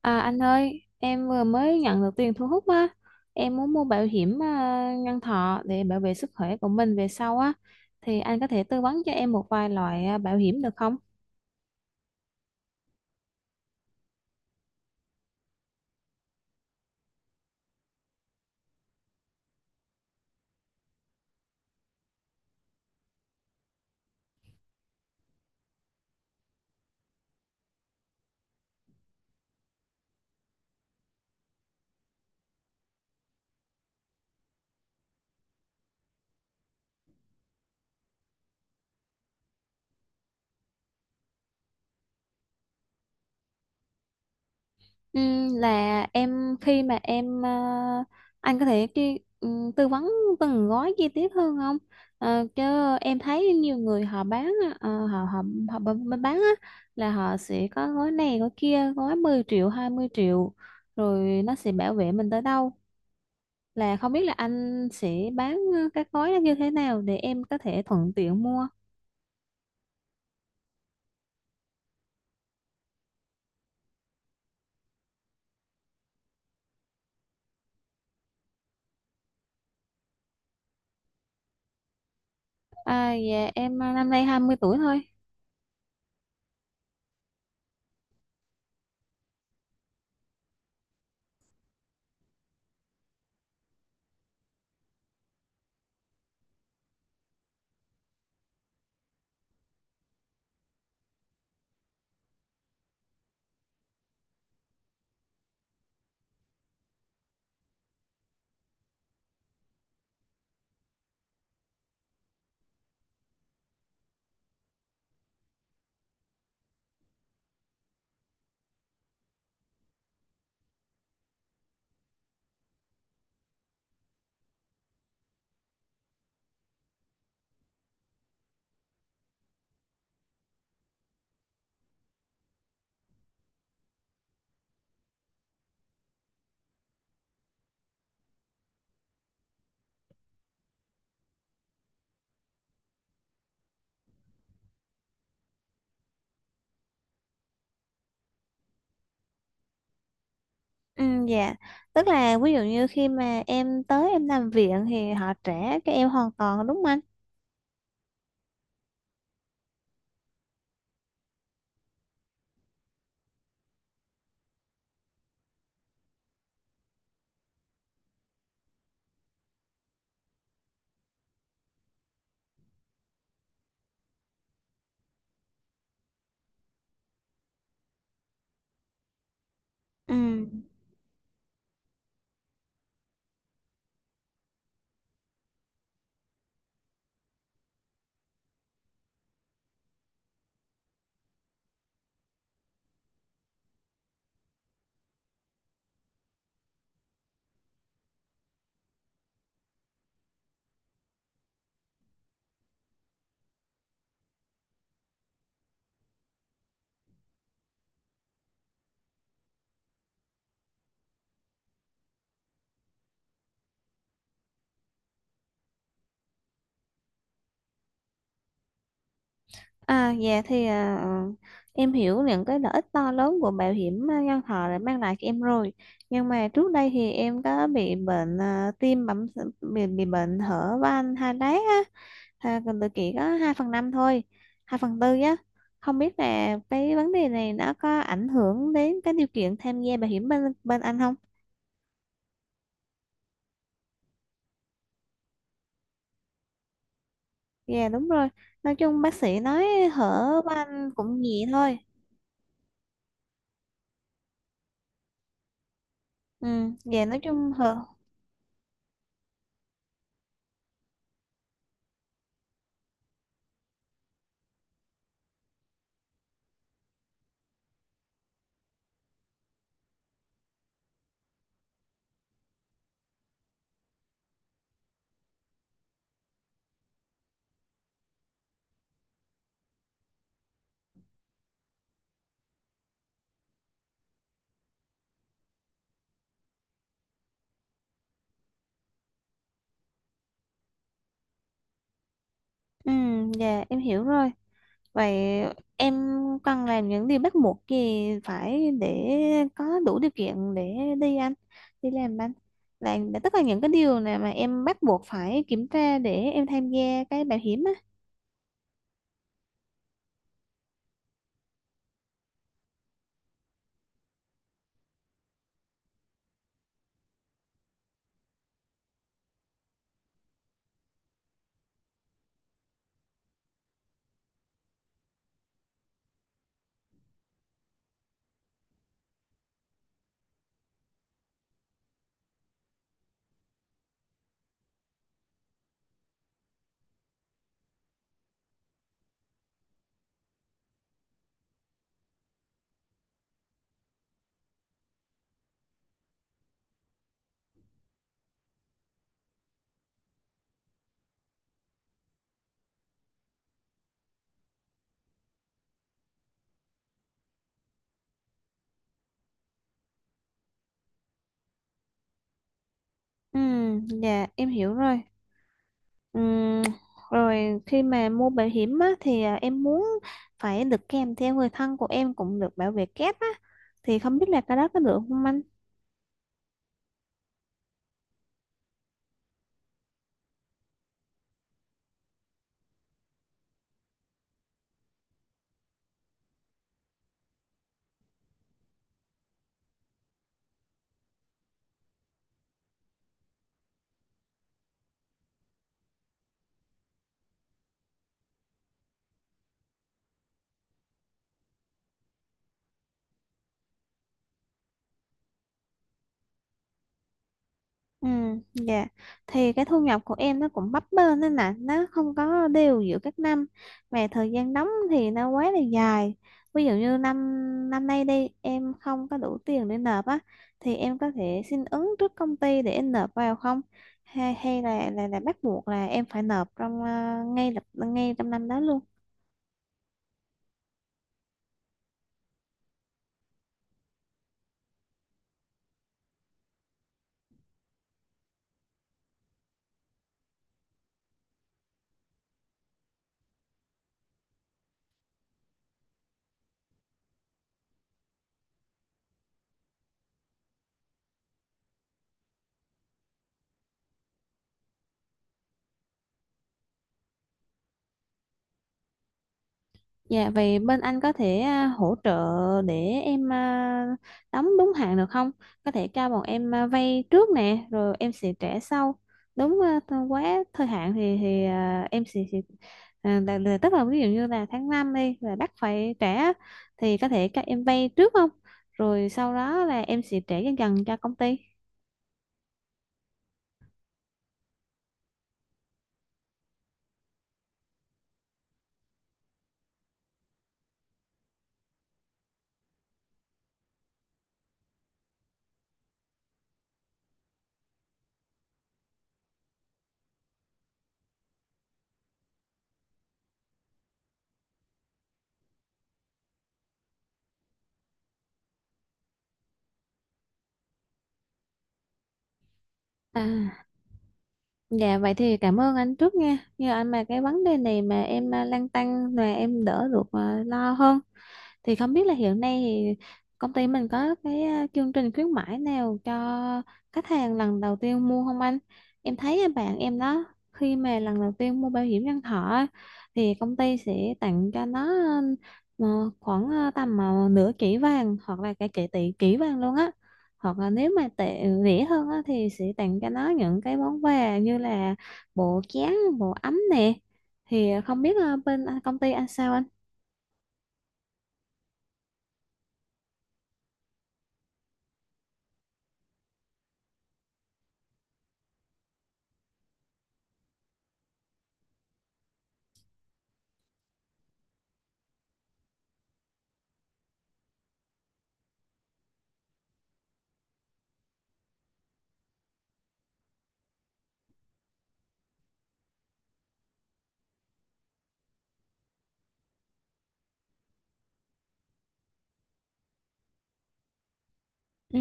À, anh ơi, em vừa mới nhận được tiền thu hút á. Em muốn mua bảo hiểm nhân thọ để bảo vệ sức khỏe của mình về sau á. Thì anh có thể tư vấn cho em một vài loại bảo hiểm được không? Là em khi mà em à, Anh có thể tư vấn từng gói chi tiết hơn không? Chứ em thấy nhiều người họ bán á, ờ, họ họ họ b- bán á là họ sẽ có gói này gói kia gói 10 triệu 20 triệu rồi nó sẽ bảo vệ mình tới đâu là không biết là anh sẽ bán các gói đó như thế nào để em có thể thuận tiện mua. À, dạ, em năm nay 20 tuổi thôi. Ừ, dạ, tức là ví dụ như khi mà em tới em nằm viện thì họ trả cho em hoàn toàn đúng không anh? Ừ. À, dạ, thì em hiểu những cái lợi ích to lớn của bảo hiểm nhân thọ đã mang lại cho em rồi. Nhưng mà trước đây thì em có bị bệnh tim bị bệnh hở van hai đát á. Còn tụi chị có 2/5 thôi, 2/4 á. Không biết là cái vấn đề này nó có ảnh hưởng đến cái điều kiện tham gia bảo hiểm bên bên anh không? Dạ đúng rồi. Nói chung bác sĩ nói hở anh cũng nhẹ thôi. Ừ. Dạ nói chung hở. Ừ. Dạ em hiểu rồi. Vậy em cần làm những điều bắt buộc gì phải để có đủ điều kiện để đi anh đi làm anh, là tất cả những cái điều này mà em bắt buộc phải kiểm tra để em tham gia cái bảo hiểm á? Ừ, dạ em hiểu rồi. Ừm, Rồi khi mà mua bảo hiểm á, thì em muốn phải được kèm theo người thân của em cũng được bảo vệ kép á. Thì không biết là cái đó có được không anh? Ừ, dạ. Thì cái thu nhập của em nó cũng bấp bênh nên là nó không có đều giữa các năm mà thời gian đóng thì nó quá là dài. Ví dụ như năm năm nay đi em không có đủ tiền để nộp á, thì em có thể xin ứng trước công ty để em nộp vào không? Hay hay là bắt buộc là em phải nộp trong ngay trong năm đó luôn? Dạ, vậy bên anh có thể hỗ trợ để em đóng đúng hạn được không? Có thể cho bọn em vay trước nè, rồi em sẽ trả sau. Đúng quá thời hạn thì em sẽ, tức là ví dụ như là tháng 5 đi là bắt phải trả, thì có thể các em vay trước không? Rồi sau đó là em sẽ trả dần dần cho công ty. À, dạ vậy thì cảm ơn anh trước nha. Nhờ anh mà cái vấn đề này mà em lăn tăn mà em đỡ được lo hơn. Thì không biết là hiện nay thì công ty mình có cái chương trình khuyến mãi nào cho khách hàng lần đầu tiên mua không anh? Em thấy bạn em đó, khi mà lần đầu tiên mua bảo hiểm nhân thọ á, thì công ty sẽ tặng cho nó khoảng tầm nửa chỉ vàng hoặc là cả chỉ tỷ chỉ vàng luôn á. Hoặc là nếu mà tệ rẻ hơn á, thì sẽ tặng cho nó những cái món quà như là bộ chén, bộ ấm nè. Thì không biết bên công ty anh sao anh? Ừ.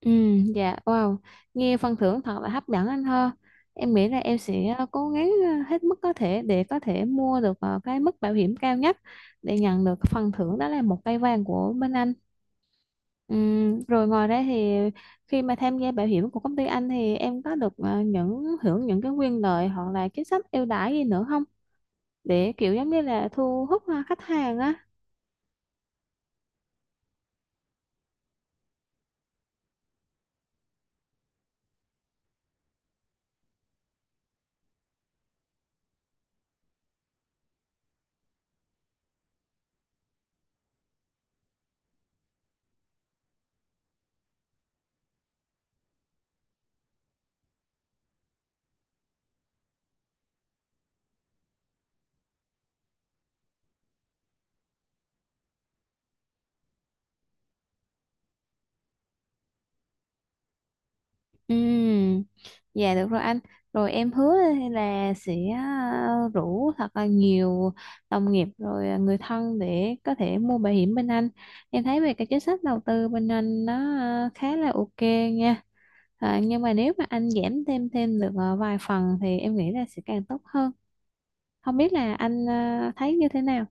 Ừ, dạ, wow, nghe phần thưởng thật là hấp dẫn anh ha. Em nghĩ là em sẽ cố gắng hết mức có thể để có thể mua được cái mức bảo hiểm cao nhất để nhận được phần thưởng đó là một cây vàng của bên anh. Rồi ngoài ra thì khi mà tham gia bảo hiểm của công ty anh thì em có được những hưởng những cái quyền lợi hoặc là chính sách ưu đãi gì nữa không? Để kiểu giống như là thu hút khách hàng á. Ừ, dạ được rồi anh. Rồi em hứa là sẽ rủ thật là nhiều đồng nghiệp rồi người thân để có thể mua bảo hiểm bên anh. Em thấy về cái chính sách đầu tư bên anh nó khá là ok nha. À, nhưng mà nếu mà anh giảm thêm thêm được vài phần thì em nghĩ là sẽ càng tốt hơn. Không biết là anh thấy như thế nào?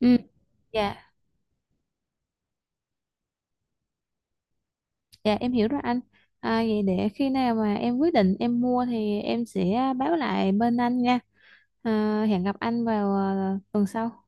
Ừ, dạ. Dạ em hiểu rồi anh. À, vậy để khi nào mà em quyết định em mua thì em sẽ báo lại bên anh nha. À, hẹn gặp anh vào tuần sau.